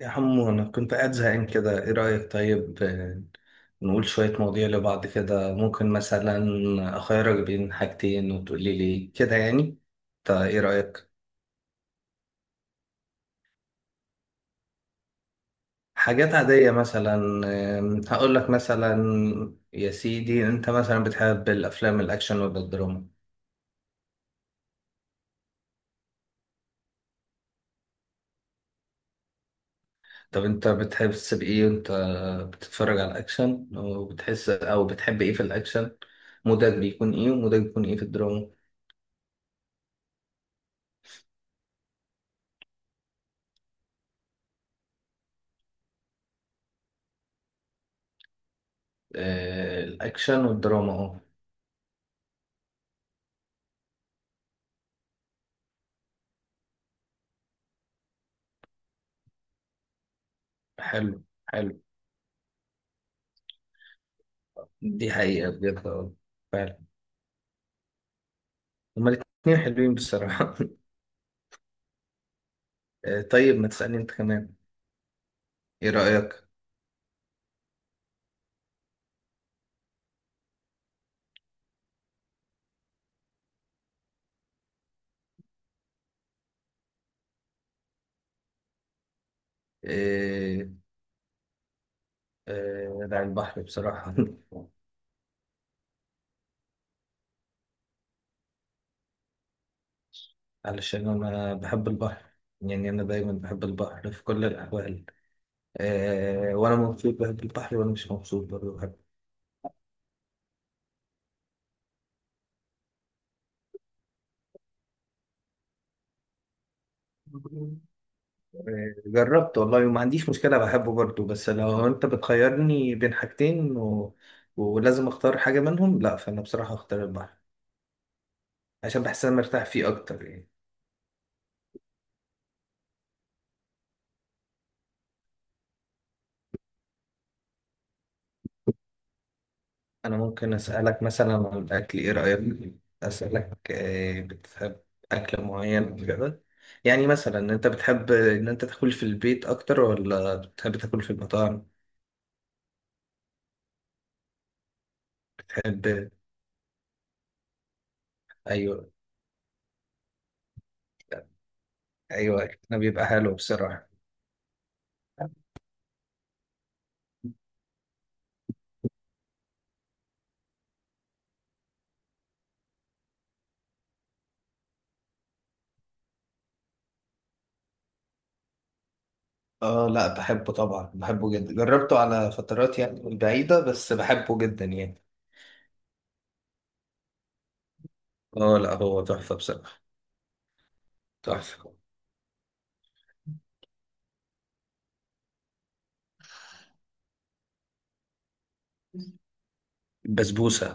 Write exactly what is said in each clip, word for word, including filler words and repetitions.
يا حمو، أنا كنت قاعد زهقان كده. إيه رأيك؟ طيب، آه، نقول شوية مواضيع لبعض كده. ممكن مثلا أخيرك بين حاجتين وتقولي لي كده يعني. طيب إيه رأيك؟ حاجات عادية مثلا. آم، هقول لك مثلا. يا سيدي، أنت مثلا بتحب الأفلام الأكشن ولا الدراما؟ طب أنت بتحس بإيه وأنت بتتفرج على الأكشن؟ وبتحس أو بتحب إيه في الأكشن؟ مودك بيكون إيه، ومودك بيكون إيه في الدراما؟ آه، الأكشن والدراما أه حلو حلو. دي حقيقة بجد، اه فعلا. هما الاتنين حلوين بصراحة. آه، طيب ما تسألني انت كمان. ايه رأيك؟ إيه، إيه على البحر بصراحة. علشان أنا بحب البحر. يعني أنا دايما بحب البحر في كل الأحوال. إيه، وأنا مبسوط بحب البحر، وأنا مش مبسوط برضه بحب. إيه، جربت والله وما عنديش مشكلة، بحبه برضه، بس لو أنت بتخيرني بين حاجتين و... ولازم أختار حاجة منهم لا، فأنا بصراحة أختار البحر. عشان بحس إن انا مرتاح فيه اكتر يعني. انا ممكن اسالك مثلا عن الاكل، ايه رايك؟ اسالك آه، بتحب اكل معين كده؟ يعني مثلا انت بتحب ان انت تاكل في البيت اكتر ولا بتحب تاكل في المطاعم؟ بتحب. ايوه، ايوه انا بيبقى حلو بصراحه. اه لا، بحبه طبعا، بحبه جدا، جربته على فترات يعني بعيده بس بحبه جدا يعني. اه لا، هو تحفه بصراحه. تحفه. بسبوسه.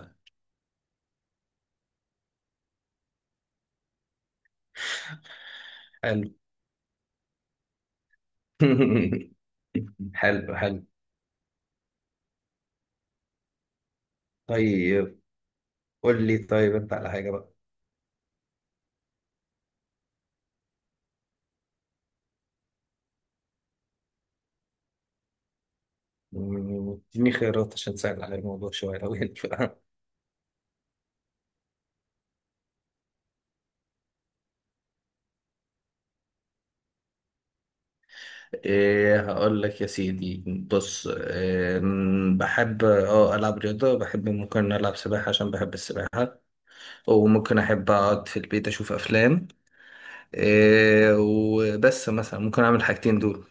حلو. حلو حلو. طيب. قول لي طيب انت على حاجة بقى. مم، اديني خيارات عشان تسهل على الموضوع شوية لو ينفع بقى. إيه، هقول لك يا سيدي. بص، إيه م، بحب اه ألعب رياضة، بحب ممكن ألعب سباحة عشان بحب السباحة. وممكن أحب أقعد في البيت أشوف أفلام. إيه وبس، مثلا ممكن أعمل حاجتين دول.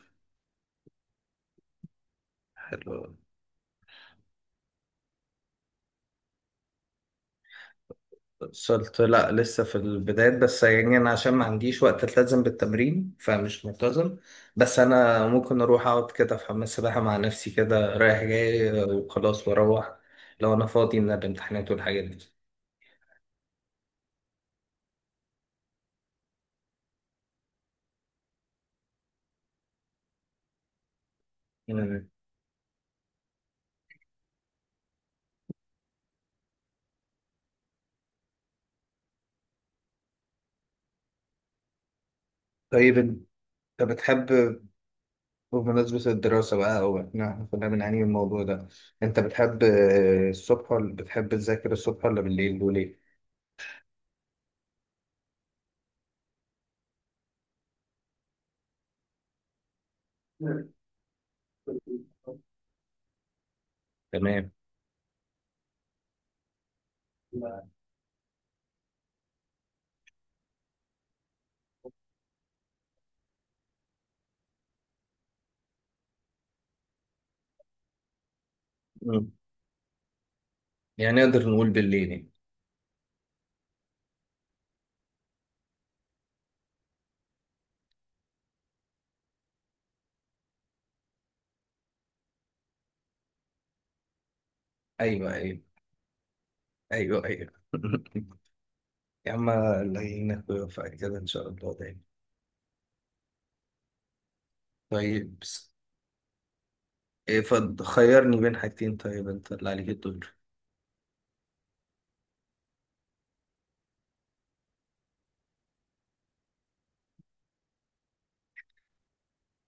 حلو. وصلت لا، لسه في البدايات بس يعني. انا عشان ما عنديش وقت التزم بالتمرين فمش ملتزم. بس انا ممكن اروح اقعد كده في حمام السباحه مع نفسي كده رايح جاي وخلاص واروح، لو انا فاضي من الامتحانات والحاجات دي. مم. طيب انت بتحب. بمناسبة الدراسة بقى، او احنا كنا بنعاني من الموضوع ده. انت بتحب الصبح، ولا بتحب تذاكر الصبح ولا بالليل، وليه؟ مم. تمام. مم. يعني نقدر نقول بالليل يعني. ايوه ايوه. ايوه ايوه يا عم، الله يعينك ويوفقك كده ان شاء الله دايما. طيب بس. إيه فض- خيرني بين حاجتين طيب، انت اللي عليك الدور.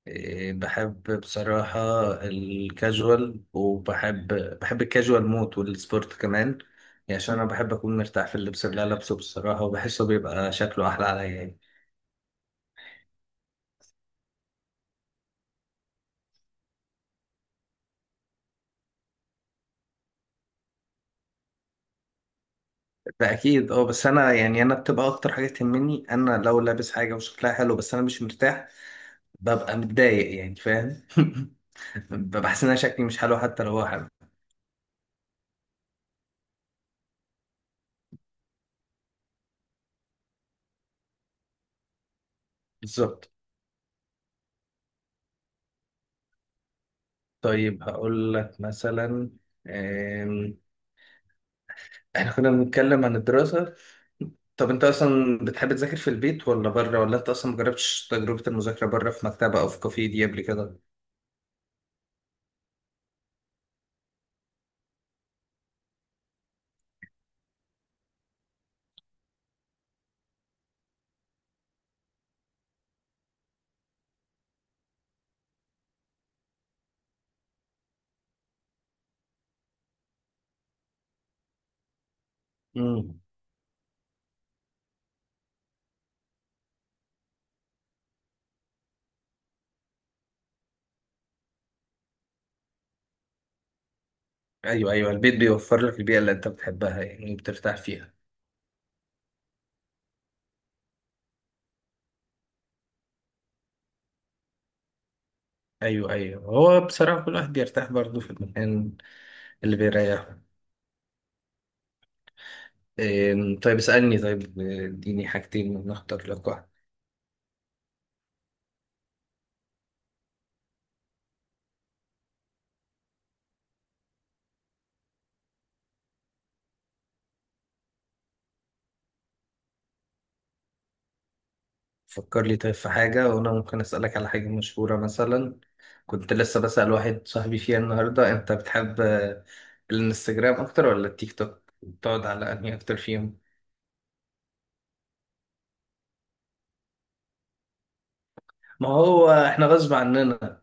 إيه، بحب بصراحة الكاجوال، وبحب، بحب الكاجوال موت والسبورت كمان. يعني عشان انا بحب اكون مرتاح في اللبس اللي أنا لابسه بصراحة، وبحسه بيبقى شكله احلى عليا يعني. ده اكيد اه، بس انا يعني انا بتبقى اكتر حاجة تهمني انا، لو لابس حاجة وشكلها حلو بس انا مش مرتاح ببقى متضايق يعني، فاهم؟ ببقى حاسس ان أنا شكلي مش حلو حتى لو هو حلو. بالظبط. طيب هقول لك مثلا. آم، احنا كنا بنتكلم عن الدراسة. طب انت اصلا بتحب تذاكر في البيت ولا بره، ولا انت اصلا مجربتش تجربة المذاكرة بره في مكتبة او في كافيه دي قبل كده؟ امم. ايوه ايوه، البيت بيوفر لك البيئة اللي انت بتحبها يعني بترتاح فيها. ايوه ايوه، هو بصراحة كل واحد بيرتاح برضه في المكان اللي بيريحه. آم، طيب اسألني طيب. آه، اديني حاجتين نختار لك واحدة. فكر لي طيب في حاجة، وأنا ممكن أسألك على حاجة مشهورة مثلا. كنت لسه بسأل واحد صاحبي فيها النهاردة. أنت بتحب آه، الانستجرام أكتر ولا التيك توك؟ بتقعد على أنهي أكتر فيهم؟ ما هو إحنا غصب عننا.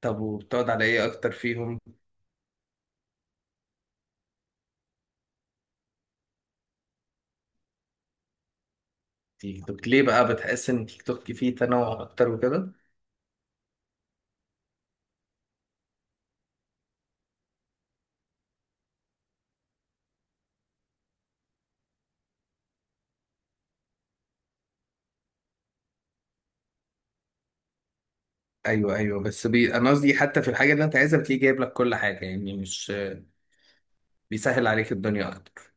طب وبتقعد على إيه أكتر فيهم؟ تيك توك ليه بقى؟ بتحس إن تيك توك فيه تنوع أكتر وكده؟ أيوه أيوه، بس بي... أنا قصدي حتى في الحاجة اللي أنت عايزها بتلاقيه جايب لك كل حاجة، يعني مش بيسهل عليك الدنيا أكتر.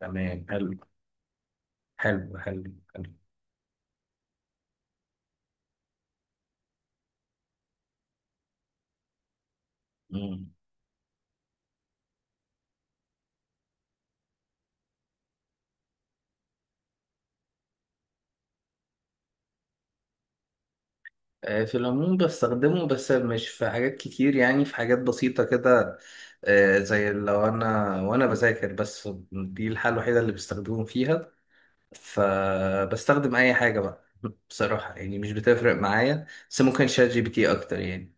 تمام. حلو حلو حلو حلو. مم. آه، في العموم بستخدمه، بس مش في حاجات كتير يعني، في حاجات بسيطة كده. آه، زي لو أنا وأنا بذاكر، بس دي الحالة الوحيدة اللي بستخدمه فيها، فبستخدم أي حاجة بقى. بصراحة يعني مش بتفرق معايا، بس ممكن شات جي بي تي أكتر يعني.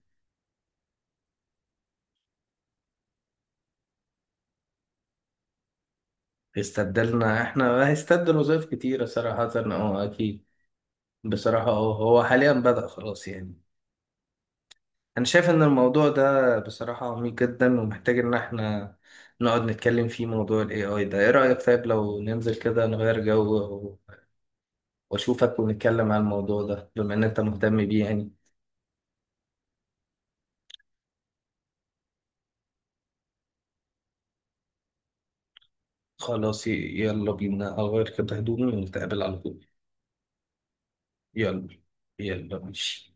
هيستبدلنا إحنا؟ هيستبدل وظائف كتيرة صراحة. أه أكيد. بصراحة أه هو حاليا بدأ خلاص يعني. أنا شايف إن الموضوع ده بصراحة عميق جدا، ومحتاج إن إحنا نقعد نتكلم فيه، موضوع ال إيه آي ده. إيه رأيك طيب لو ننزل كده نغير جو و- وأشوفك ونتكلم عن الموضوع ده، بما إن أنت مهتم بيه يعني. خلاص ي- يلا بينا، أغير كده هدومي ونتقابل على طول. يلا. يلا ماشي.